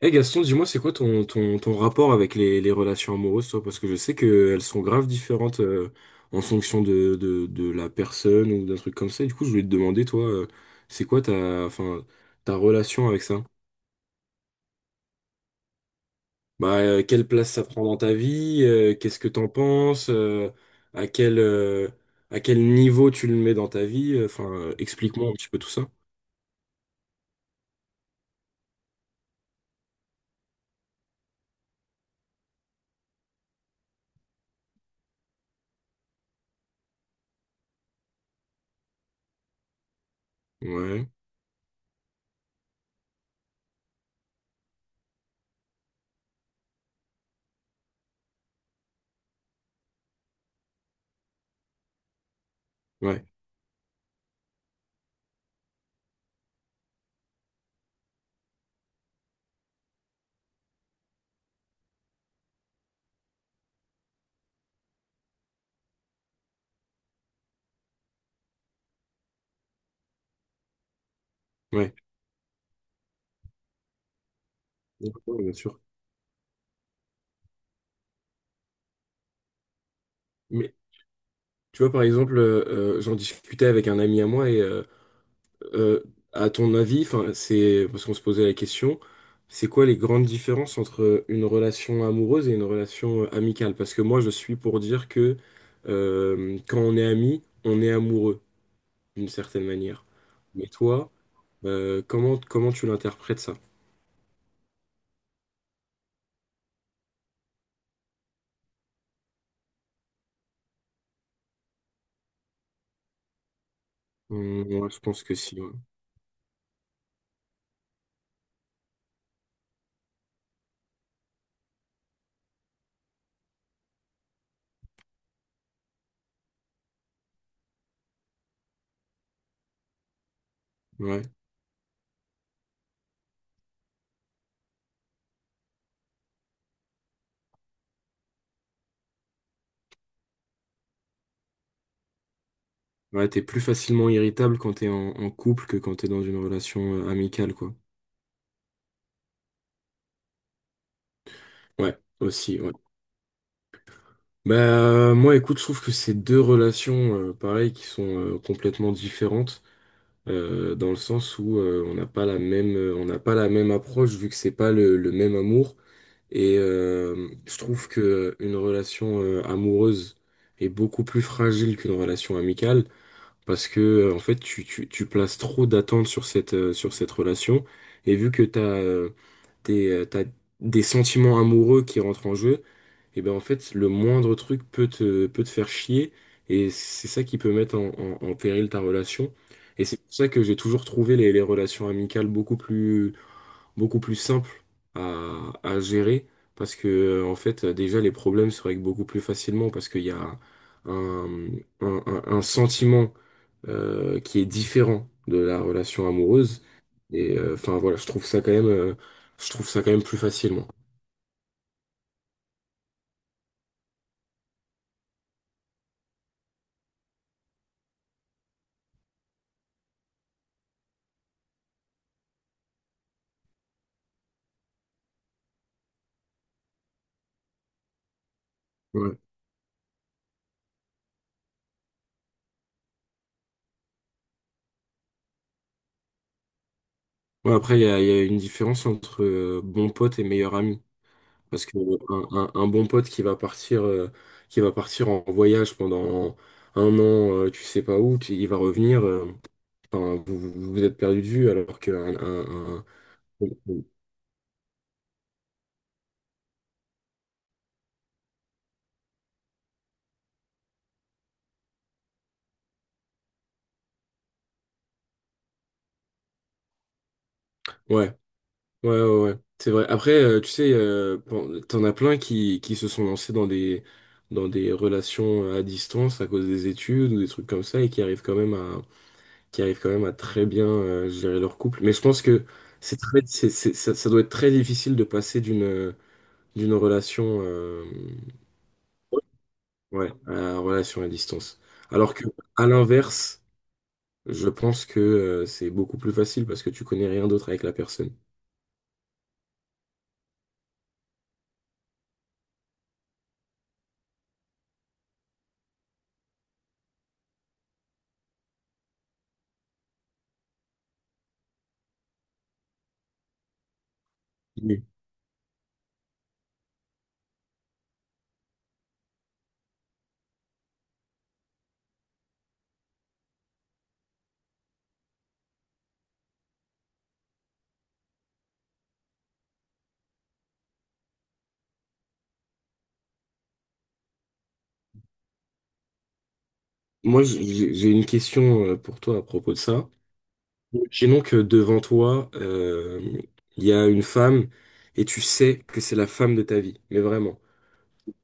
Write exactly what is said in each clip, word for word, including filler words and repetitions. Eh Gaston, dis-moi, c'est quoi ton, ton, ton rapport avec les, les relations amoureuses, toi? Parce que je sais qu'elles sont grave différentes euh, en fonction de, de, de la personne ou d'un truc comme ça. Et du coup, je voulais te demander, toi, euh, c'est quoi ta, enfin, ta relation avec ça? Bah, euh, quelle place ça prend dans ta vie? Euh, qu'est-ce que t'en penses? Euh, à quel, euh, à quel niveau tu le mets dans ta vie? Enfin, euh, enfin, explique-moi un petit peu tout ça. Ouais, ouais, ouais. Ouais, bien sûr. Mais tu vois, par exemple, euh, euh, j'en discutais avec un ami à moi et... euh, Euh, à ton avis, enfin, c'est parce qu'on se posait la question, c'est quoi les grandes différences entre une relation amoureuse et une relation euh, amicale? Parce que moi, je suis pour dire que euh, quand on est ami, on est amoureux d'une certaine manière. Mais toi, euh, comment comment tu l'interprètes ça? Hum, ouais, je pense que si. Ouais. Ouais. Ouais, t'es plus facilement irritable quand t'es en, en couple que quand t'es dans une relation euh, amicale, quoi. Ouais, aussi, ouais. Bah, euh, moi, écoute, je trouve que c'est deux relations, euh, pareil, qui sont euh, complètement différentes, euh, dans le sens où euh, on n'a pas la même, euh, on n'a pas la même approche, vu que c'est pas le, le même amour. Et euh, je trouve que euh, une relation euh, amoureuse est beaucoup plus fragile qu'une relation amicale, parce que euh, en fait, tu, tu, tu places trop d'attentes sur cette, euh, sur cette relation, et vu que t'as, euh, t'es, euh, t'as des sentiments amoureux qui rentrent en jeu et ben en fait, le moindre truc peut te, peut te faire chier, et c'est ça qui peut mettre en, en- en péril ta relation. Et c'est pour ça que j'ai toujours trouvé les, les relations amicales beaucoup plus, beaucoup plus simples à, à gérer, parce que euh, en fait, déjà, les problèmes se règlent beaucoup plus facilement, parce qu'il y a un, un, un- un sentiment euh, qui est différent de la relation amoureuse. Et euh, enfin voilà, je trouve ça quand même, euh, je trouve ça quand même plus facilement. Ouais, après, il y a, il y a une différence entre euh, bon pote et meilleur ami. Parce que un, un- un bon pote qui va partir, euh, qui va partir en voyage pendant un an, euh, tu sais pas où, tu- il va revenir, euh, enfin, vous, vous vous êtes perdu de vue, alors que un, un- un- ouais, ouais, ouais, ouais. C'est vrai. Après, euh, tu sais, euh, pen- t'en as plein qui, qui se sont lancés dans des, dans des relations à distance à cause des études ou des trucs comme ça et qui arrivent quand même, qui arrivent quand même à très bien euh, gérer leur couple. Mais je pense que c'est très, c'est, c'est- ça, ça doit être très difficile de passer d'une euh, d'une relation, euh, ouais, à la relation à distance. Alors que à l'inverse, je pense que euh, c'est beaucoup plus facile parce que tu connais rien d'autre avec la personne. Oui. Moi, j- j'ai j'ai une question euh, pour toi à propos de ça. Imaginons que devant toi, euh, il y a une femme et tu sais que c'est la femme de ta vie, mais vraiment.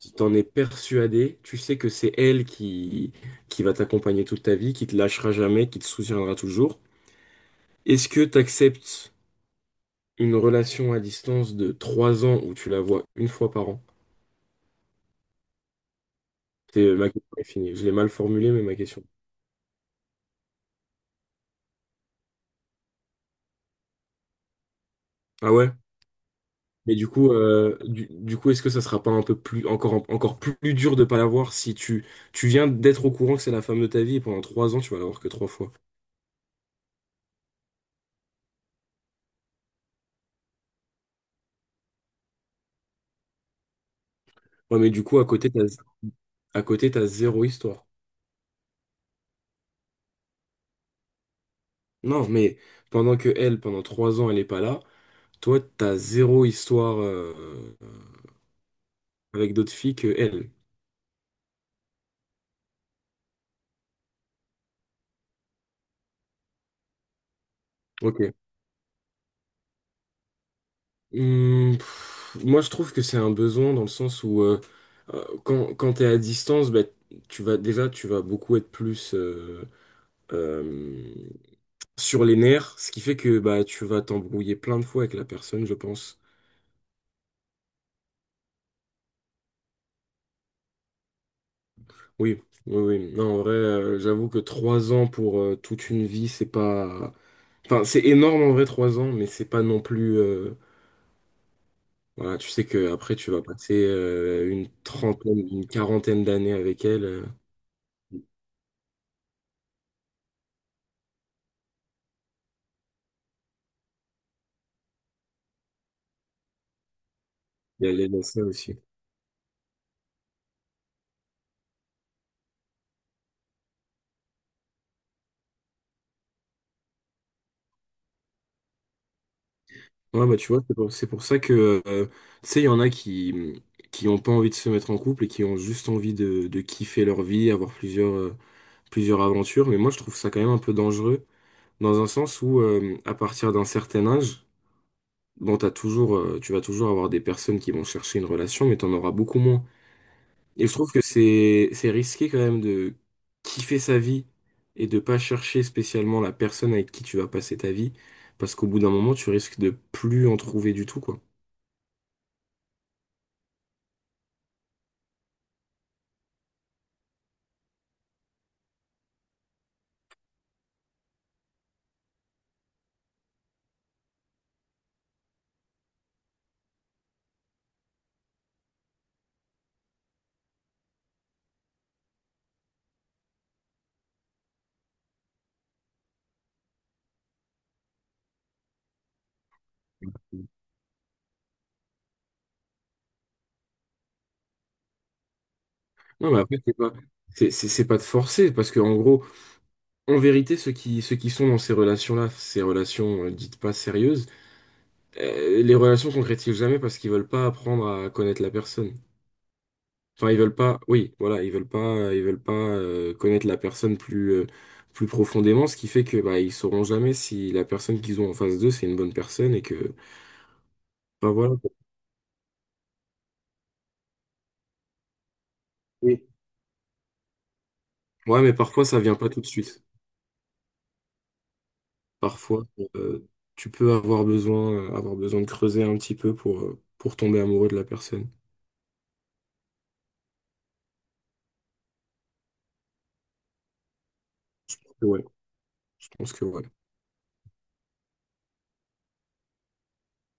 Tu t'en es persuadé, tu sais que c'est elle qui, qui va t'accompagner toute ta vie, qui te lâchera jamais, qui te soutiendra toujours. Est-ce que tu acceptes une relation à distance de trois ans où tu la vois une fois par an? C'est euh, ma question est finie. Je l'ai mal formulée, mais ma question. Ah ouais? Mais du coup, euh, du, du coup, est-ce que ça sera pas un peu plus, encore, encore plus dur de pas la voir si tu, tu viens d'être au courant que c'est la femme de ta vie et pendant trois ans, tu vas la voir que trois fois? Ouais, mais du coup, à côté, t'as, à côté, t'as zéro histoire. Non, mais pendant que elle, pendant trois ans, elle est pas là, toi, t'as zéro histoire euh, avec d'autres filles que elle. Ok. Hmm, pff, moi, je trouve que c'est un besoin dans le sens où euh, euh, quand, quand t'es à distance, bah, tu vas déjà, tu vas beaucoup être plus euh, euh, sur les nerfs, ce qui fait que bah, tu vas t'embrouiller plein de fois avec la personne, je pense. Oui, oui, oui. Non, en vrai, euh, j'avoue que trois ans pour euh, toute une vie, c'est pas... Enfin, c'est énorme en vrai, trois ans, mais c'est pas non plus... euh, Voilà, tu sais que après tu vas passer euh, une trentaine, une quarantaine d'années avec elle. euh, Il y a, il y a de ça aussi. Ouais, bah tu vois, c'est pour, c'est pour ça que, euh, tu sais, il y en a qui qui ont pas envie de se mettre en couple et qui ont juste envie de, de kiffer leur vie, avoir plusieurs, euh, plusieurs aventures. Mais moi, je trouve ça quand même un peu dangereux, dans un sens où, euh, à partir d'un certain âge, bon, t'as toujours, euh, tu vas toujours avoir des personnes qui vont chercher une relation, mais t'en auras beaucoup moins. Et je trouve que c'est c'est risqué quand même de kiffer sa vie et de pas chercher spécialement la personne avec qui tu vas passer ta vie, parce qu'au bout d'un moment, tu risques de plus en trouver du tout, quoi. Non, mais après, c'est pas, c'est c'est- c'est pas de forcer, parce que en gros, en vérité, ceux qui, ceux qui sont dans ces relations-là, ces relations euh, dites pas sérieuses, euh, les relations concrétisent jamais parce qu'ils veulent pas apprendre à connaître la personne. Enfin, ils veulent pas, oui, voilà, ils veulent pas, ils veulent pas euh, connaître la personne plus, euh, plus profondément, ce qui fait que bah ils sauront jamais si la personne qu'ils ont en face d'eux, c'est une bonne personne et que, enfin voilà. Oui. Ouais, mais parfois ça vient pas tout de suite. Parfois, euh, tu peux avoir besoin, euh, avoir besoin de creuser un petit peu pour, euh, pour tomber amoureux de la personne. Ouais, je pense que ouais.